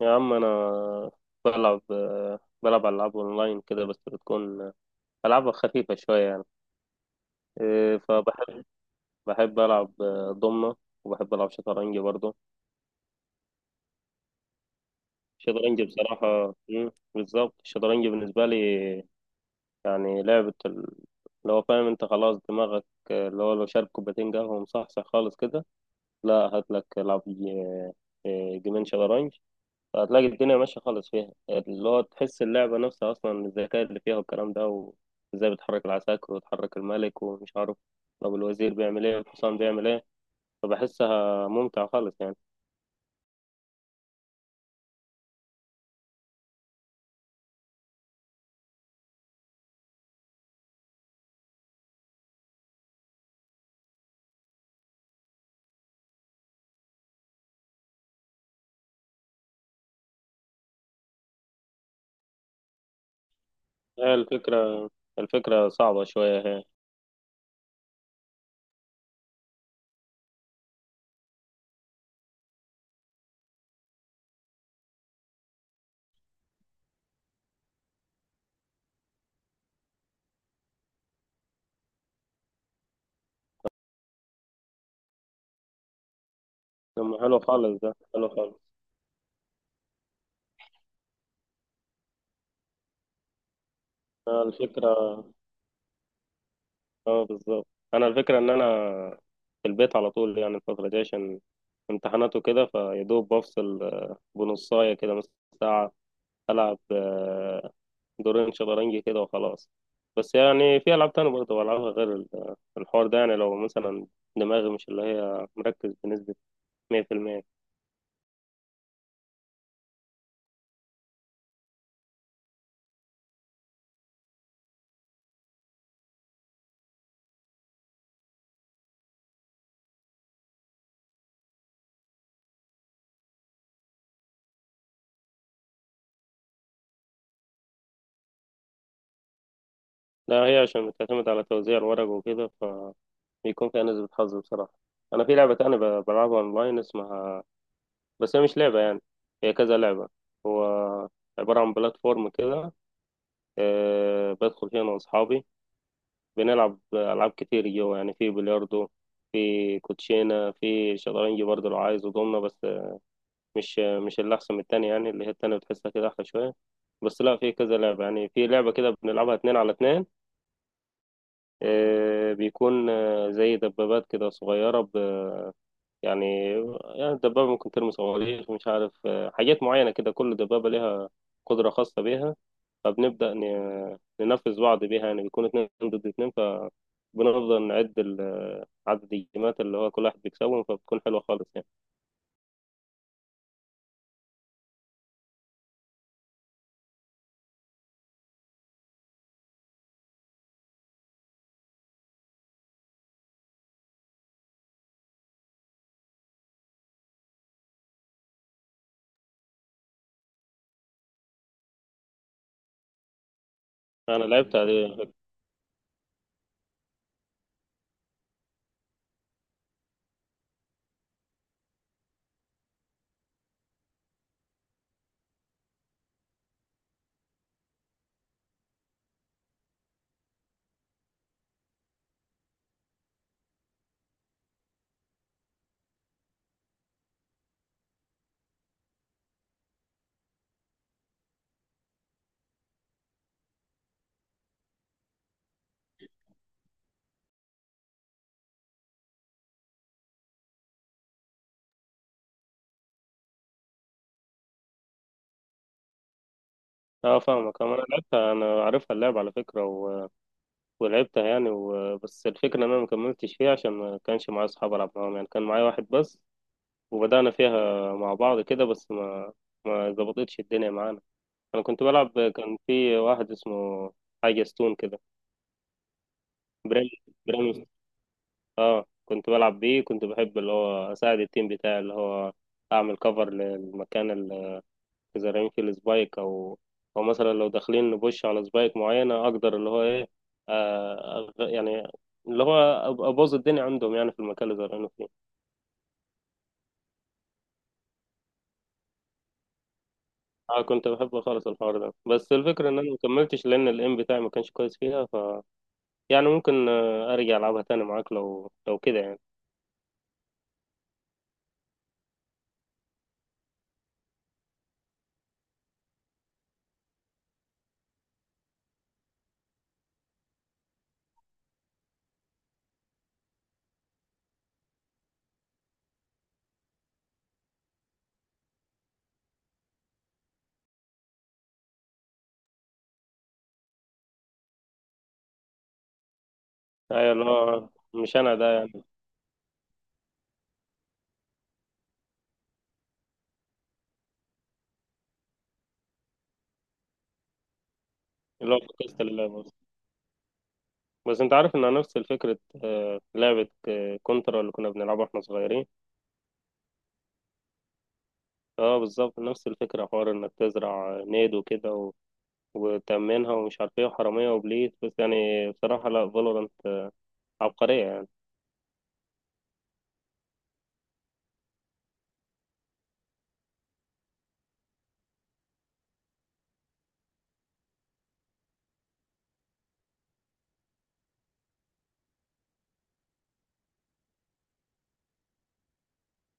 يا عم انا بلعب العاب اونلاين كده، بس بتكون العابها خفيفه شويه يعني. فبحب بحب العب ضمنه، وبحب العب شطرنج برضه. الشطرنج بصراحه، بالظبط الشطرنج بالنسبه لي يعني لعبه اللي هو فاهم انت خلاص دماغك، اللي هو لو شارب كوبايتين قهوه مصحصح خالص كده، لا هات لك العب ج- إيه، جيمين شطرنج، هتلاقي الدنيا ماشية خالص فيها. اللي هو تحس اللعبة نفسها أصلا الذكاء اللي فيها والكلام ده، وإزاي بتحرك العساكر وتحرك الملك ومش عارف طب الوزير بيعمل إيه، الحصان بيعمل إيه. فبحسها ممتع خالص يعني. هي الفكرة، الفكرة صعبة شوية هي. لما حلو خالص، ده حلو خالص. أنا الفكرة اه بالظبط. أنا الفكرة إن أنا في البيت على طول يعني الفترة دي، عشان امتحانات وكده، فيدوب بفصل بنصاية كده مثلا ساعة، ألعب دورين شطرنج كده وخلاص. بس يعني في ألعاب تانية برضه بلعبها غير الحوار ده، يعني لو مثلا دماغي مش اللي هي مركز بنسبة مية في المية. لا، هي عشان بتعتمد على توزيع الورق وكده، فبيكون فيها نسبة حظ بصراحة. أنا في لعبة تانية بلعبها أونلاين اسمها، بس هي مش لعبة يعني، هي كذا لعبة. هو عبارة عن بلاتفورم كده، أه بدخل فيها أنا وأصحابي، بنلعب ألعاب كتير جوا يعني. في بلياردو، في كوتشينة، في شطرنج برضه لو عايز، ودومنة. بس مش اللي أحسن من التانية، يعني اللي هي التانية بتحسها كده أحلى شوية. بس لا، في كذا لعبة يعني. في لعبة كده بنلعبها اتنين على اتنين، بيكون زي دبابات كده صغيرة يعني يعني الدبابة ممكن ترمي صواريخ، مش عارف، حاجات معينة كده كل دبابة ليها قدرة خاصة بيها. فبنبدأ ننفذ بعض بيها، يعني بيكون اتنين ضد اتنين، فبنفضل نعد عدد الجيمات اللي هو كل واحد بيكسبهم، فبتكون حلوة خالص يعني. أنا لعبت اه فاهمك، انا لعبتها، انا عارفها اللعبة على فكرة، و... ولعبتها يعني و... بس الفكرة ان انا ما كملتش فيها عشان ما كانش معايا اصحاب العب معاهم، يعني كان معايا واحد بس، وبدأنا فيها مع بعض كده، بس ما ظبطتش الدنيا معانا. انا كنت بلعب، كان في واحد اسمه حاجة ستون كده. بريم بريم، اه كنت بلعب بيه. كنت بحب اللي هو اساعد التيم بتاعي، اللي هو اعمل كفر للمكان اذا رميت السبايك، او او مثلا لو داخلين نبوش على سبايك معينه، اقدر اللي هو ايه، آه أغ- يعني اللي هو ابوظ الدنيا عندهم يعني في المكان اللي زرعينه فيه. اه كنت بحب خالص الحوار ده، بس الفكره ان انا ما كملتش لان الايم بتاعي ما كانش كويس فيها، يعني ممكن ارجع العبها تاني معاك لو كده يعني. ايوه، اللي هو مش انا ده يعني. اللي هو فكست اللعبه، بس انت عارف انها نفس فكره لعبه كونترا اللي كنا بنلعبها واحنا صغيرين. اه بالظبط، نفس الفكرة، حوار انك تزرع نيد وكده و... وتأمنها، ومش عارف ايه، وحرامية وبليت. بس يعني بصراحة، لا، فالورانت عبقرية يعني.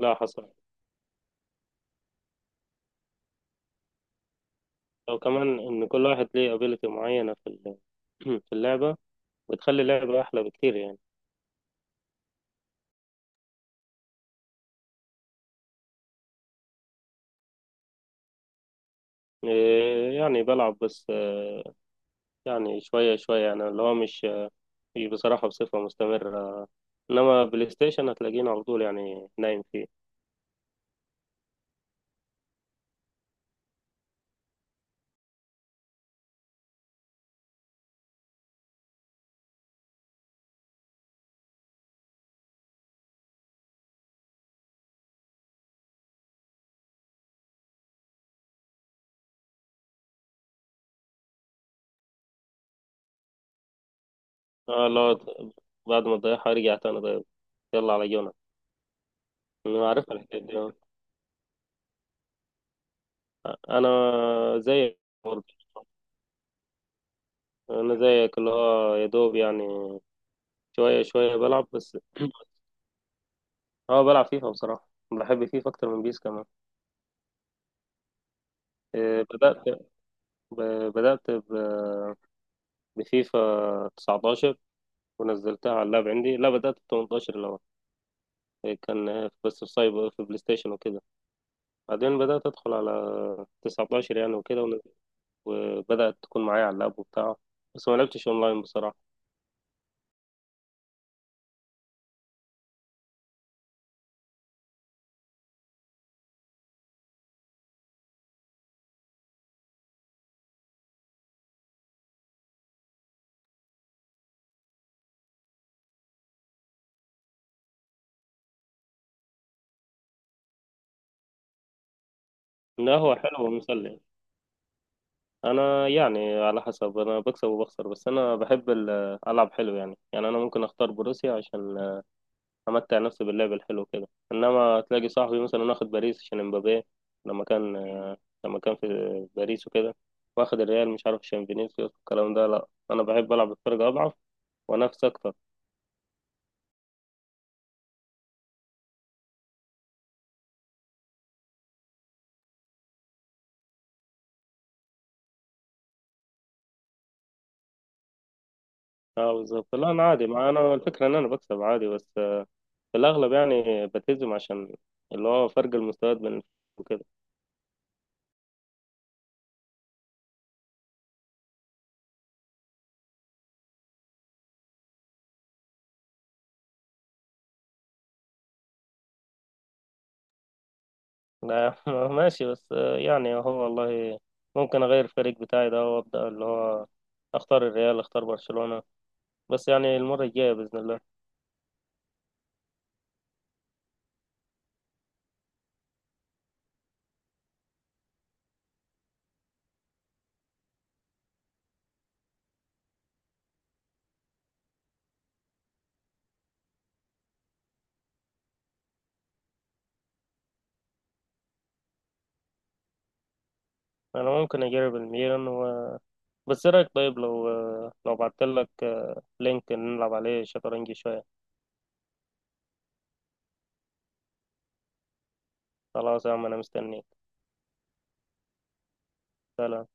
لا حصل، لو كمان ان كل واحد ليه ابيلتي معينة في ال... في اللعبة، بتخلي اللعبة احلى بكتير يعني. إيه يعني بلعب، بس يعني شوية شوية يعني، اللي هو مش بصراحة بصفة مستمرة، انما بلاي ستيشن هتلاقيني على طول يعني نايم فيه. اه، اللي هو بعد ما تضيعها ارجع تاني طيب. يلا على جونا. انا عارف الحكاية دي. انا زيك برضه. انا زيك، اللي هو يا دوب يعني، شويه شويه بلعب بس. اه بلعب فيفا، بصراحه بحب فيفا اكتر من بيس كمان. إيه، بدات ب- بدات ب- بفيفا 19 ونزلتها على اللاب عندي. لا بدات ب 18 الاول، كان بس في سايبر في بلاي ستيشن وكده، بعدين بدات ادخل على 19 يعني وكده وبدات تكون معايا على اللاب وبتاع. بس ما لعبتش اونلاين بصراحه. لا هو حلو ومسلي. انا يعني على حسب، انا بكسب وبخسر، بس انا بحب العب حلو يعني. يعني انا ممكن اختار بروسيا عشان امتع نفسي باللعب الحلو كده، انما تلاقي صاحبي مثلا واخد باريس عشان امبابي لما كان لما كان في باريس وكده، واخد الريال مش عارف عشان فينيسيوس الكلام ده. لا انا بحب العب بفرقة اضعف، وانافس اكتر. اه بالظبط، لا انا عادي، مع انا الفكرة ان انا بكسب عادي بس، في الاغلب يعني بلتزم عشان اللي هو فرق المستويات بين. لا، ماشي، بس يعني هو والله ممكن اغير الفريق بتاعي ده، وابدا اللي هو اختار الريال، اختار برشلونة، بس يعني المرة الجاية باذن الله. انا ممكن اجرب الميلان و... بس ايه رايك طيب لو بعتلك لينك نلعب عليه شطرنج شوية؟ خلاص يا عم انا مستنيك. سلام.